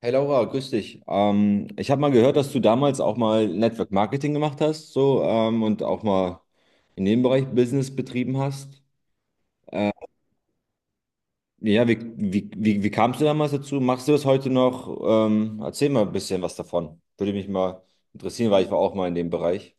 Hey Laura, grüß dich. Ich habe mal gehört, dass du damals auch mal Network Marketing gemacht hast, so und auch mal in dem Bereich Business betrieben hast. Äh, ja, wie kamst du damals dazu? Machst du das heute noch? Erzähl mal ein bisschen was davon. Würde mich mal interessieren, weil ich war auch mal in dem Bereich.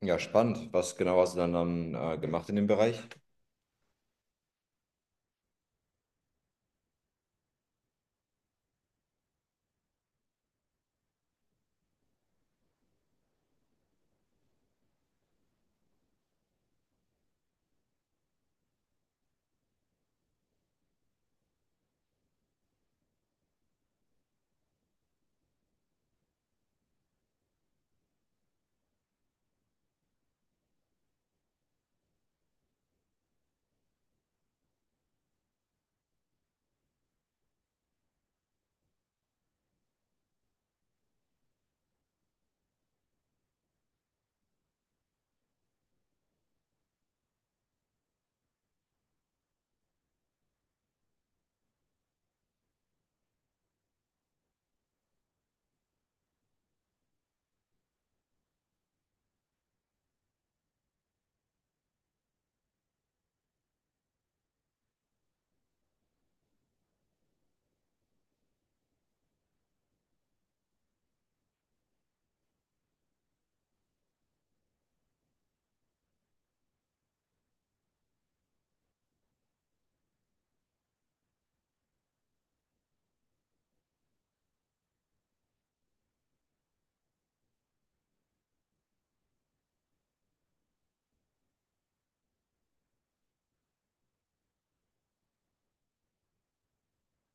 Ja, spannend. Was genau hast du dann gemacht in dem Bereich?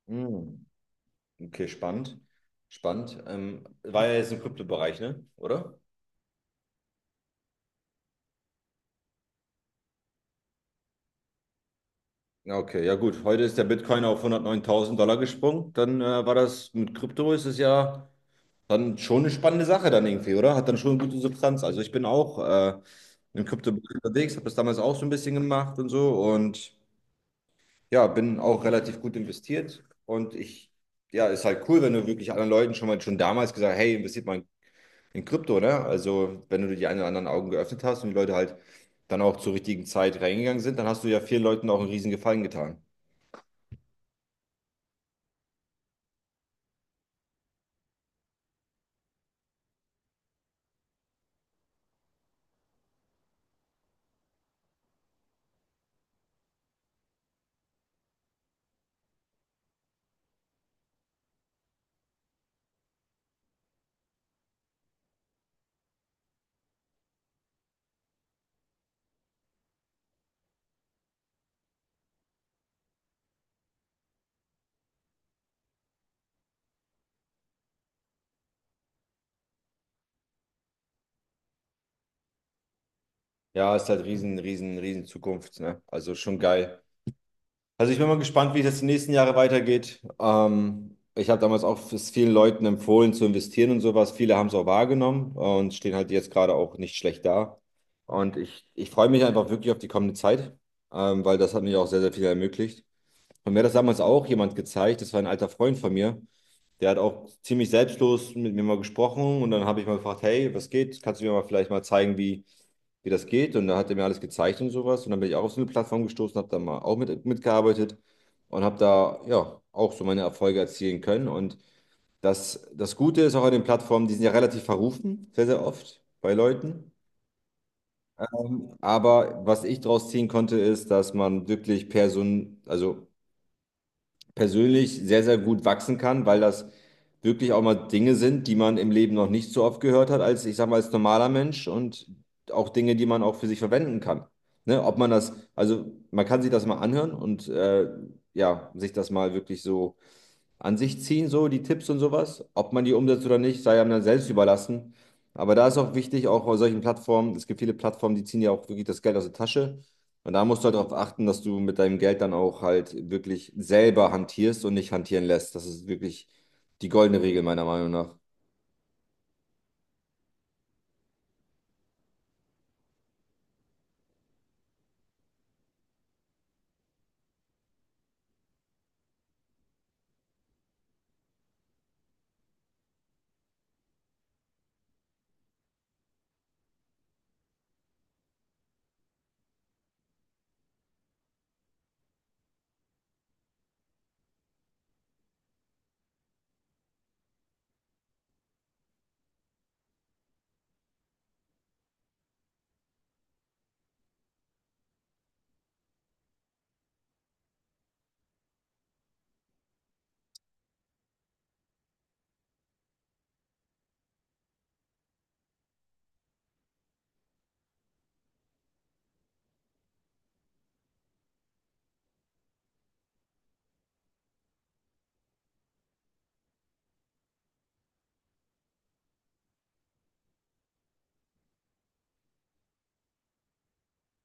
Hm, okay, spannend. Spannend. War ja jetzt im Kryptobereich, ne? Oder? Ja, okay, ja gut. Heute ist der Bitcoin auf 109.000 Dollar gesprungen. Dann war das mit Krypto, ist es ja dann schon eine spannende Sache dann irgendwie, oder? Hat dann schon eine gute Substanz. Also ich bin auch im Krypto unterwegs, habe das damals auch so ein bisschen gemacht und so und ja, bin auch relativ gut investiert. Und ja, ist halt cool, wenn du wirklich anderen Leuten schon mal schon damals gesagt, hey, investiert mal in Krypto, ne? Also wenn du die einen oder anderen Augen geöffnet hast und die Leute halt dann auch zur richtigen Zeit reingegangen sind, dann hast du ja vielen Leuten auch einen riesen Gefallen getan. Ja, ist halt riesen, riesen, riesen Zukunft, ne? Also schon geil. Also ich bin mal gespannt, wie es jetzt die nächsten Jahre weitergeht. Ich habe damals auch es vielen Leuten empfohlen zu investieren und sowas. Viele haben es auch wahrgenommen und stehen halt jetzt gerade auch nicht schlecht da. Und ich freue mich einfach wirklich auf die kommende Zeit, weil das hat mir auch sehr, sehr viel ermöglicht. Und mir hat das damals auch jemand gezeigt, das war ein alter Freund von mir, der hat auch ziemlich selbstlos mit mir mal gesprochen und dann habe ich mal gefragt, hey, was geht? Kannst du mir mal vielleicht mal zeigen, wie das geht. Und da hat er mir alles gezeigt und sowas. Und dann bin ich auch auf so eine Plattform gestoßen, habe da mal auch mitgearbeitet und habe da ja auch so meine Erfolge erzielen können. Und das Gute ist auch an den Plattformen, die sind ja relativ verrufen, sehr, sehr oft bei Leuten. Aber was ich daraus ziehen konnte, ist, dass man wirklich also persönlich sehr, sehr gut wachsen kann, weil das wirklich auch mal Dinge sind, die man im Leben noch nicht so oft gehört hat, als ich sag mal, als normaler Mensch und auch Dinge, die man auch für sich verwenden kann. Ne? Ob man das, also man kann sich das mal anhören und ja, sich das mal wirklich so an sich ziehen, so die Tipps und sowas. Ob man die umsetzt oder nicht, sei einem dann selbst überlassen. Aber da ist auch wichtig, auch bei solchen Plattformen, es gibt viele Plattformen, die ziehen ja auch wirklich das Geld aus der Tasche. Und da musst du halt darauf achten, dass du mit deinem Geld dann auch halt wirklich selber hantierst und nicht hantieren lässt. Das ist wirklich die goldene Regel meiner Meinung nach.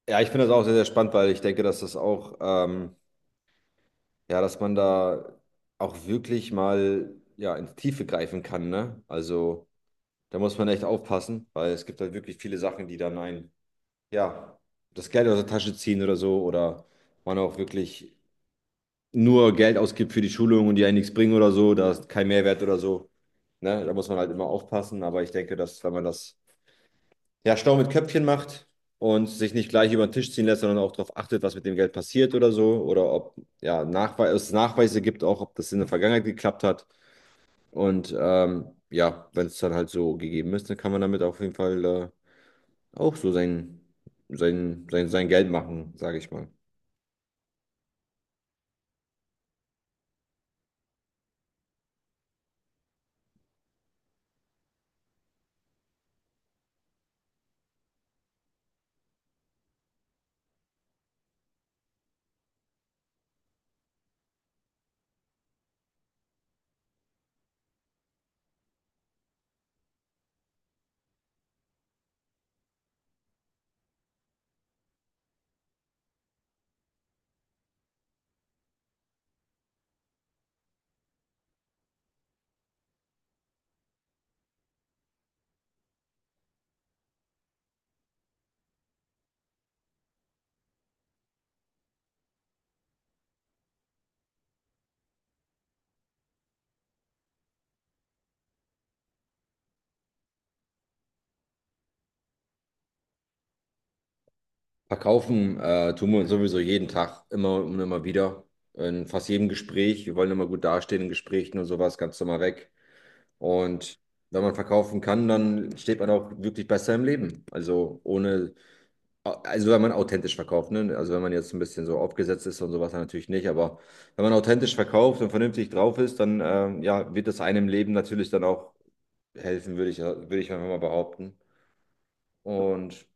Ja, ich finde das auch sehr, sehr spannend, weil ich denke, dass das auch, ja, dass man da auch wirklich mal, ja, ins Tiefe greifen kann, ne? Also, da muss man echt aufpassen, weil es gibt halt wirklich viele Sachen, die dann einen ja, das Geld aus der Tasche ziehen oder so oder man auch wirklich nur Geld ausgibt für die Schulung und die einen nichts bringen oder so, da ist kein Mehrwert oder so. Ne? Da muss man halt immer aufpassen, aber ich denke, dass wenn man das ja schlau mit Köpfchen macht und sich nicht gleich über den Tisch ziehen lässt, sondern auch darauf achtet, was mit dem Geld passiert oder so oder ob ja, es Nachweise gibt, auch ob das in der Vergangenheit geklappt hat und ja, wenn es dann halt so gegeben ist, dann kann man damit auf jeden Fall auch so sein Geld machen, sage ich mal. Verkaufen tun wir sowieso jeden Tag, immer und immer wieder. In fast jedem Gespräch. Wir wollen immer gut dastehen in Gesprächen und sowas, ganz normal weg. Und wenn man verkaufen kann, dann steht man auch wirklich besser im Leben. Also ohne, also wenn man authentisch verkauft, ne? Also wenn man jetzt ein bisschen so aufgesetzt ist und sowas, dann natürlich nicht. Aber wenn man authentisch verkauft und vernünftig drauf ist, dann ja, wird das einem im Leben natürlich dann auch helfen, würde ich einfach mal behaupten. Und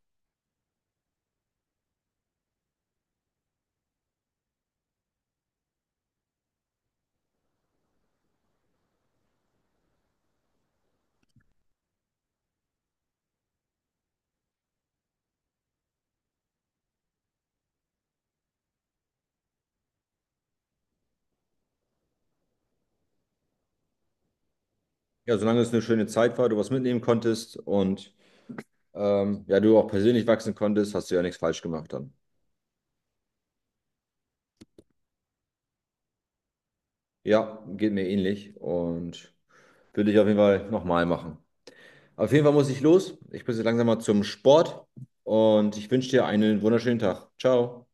ja, solange es eine schöne Zeit war, du was mitnehmen konntest und ja, du auch persönlich wachsen konntest, hast du ja nichts falsch gemacht dann. Ja, geht mir ähnlich und würde ich auf jeden Fall nochmal machen. Auf jeden Fall muss ich los. Ich muss jetzt langsam mal zum Sport und ich wünsche dir einen wunderschönen Tag. Ciao.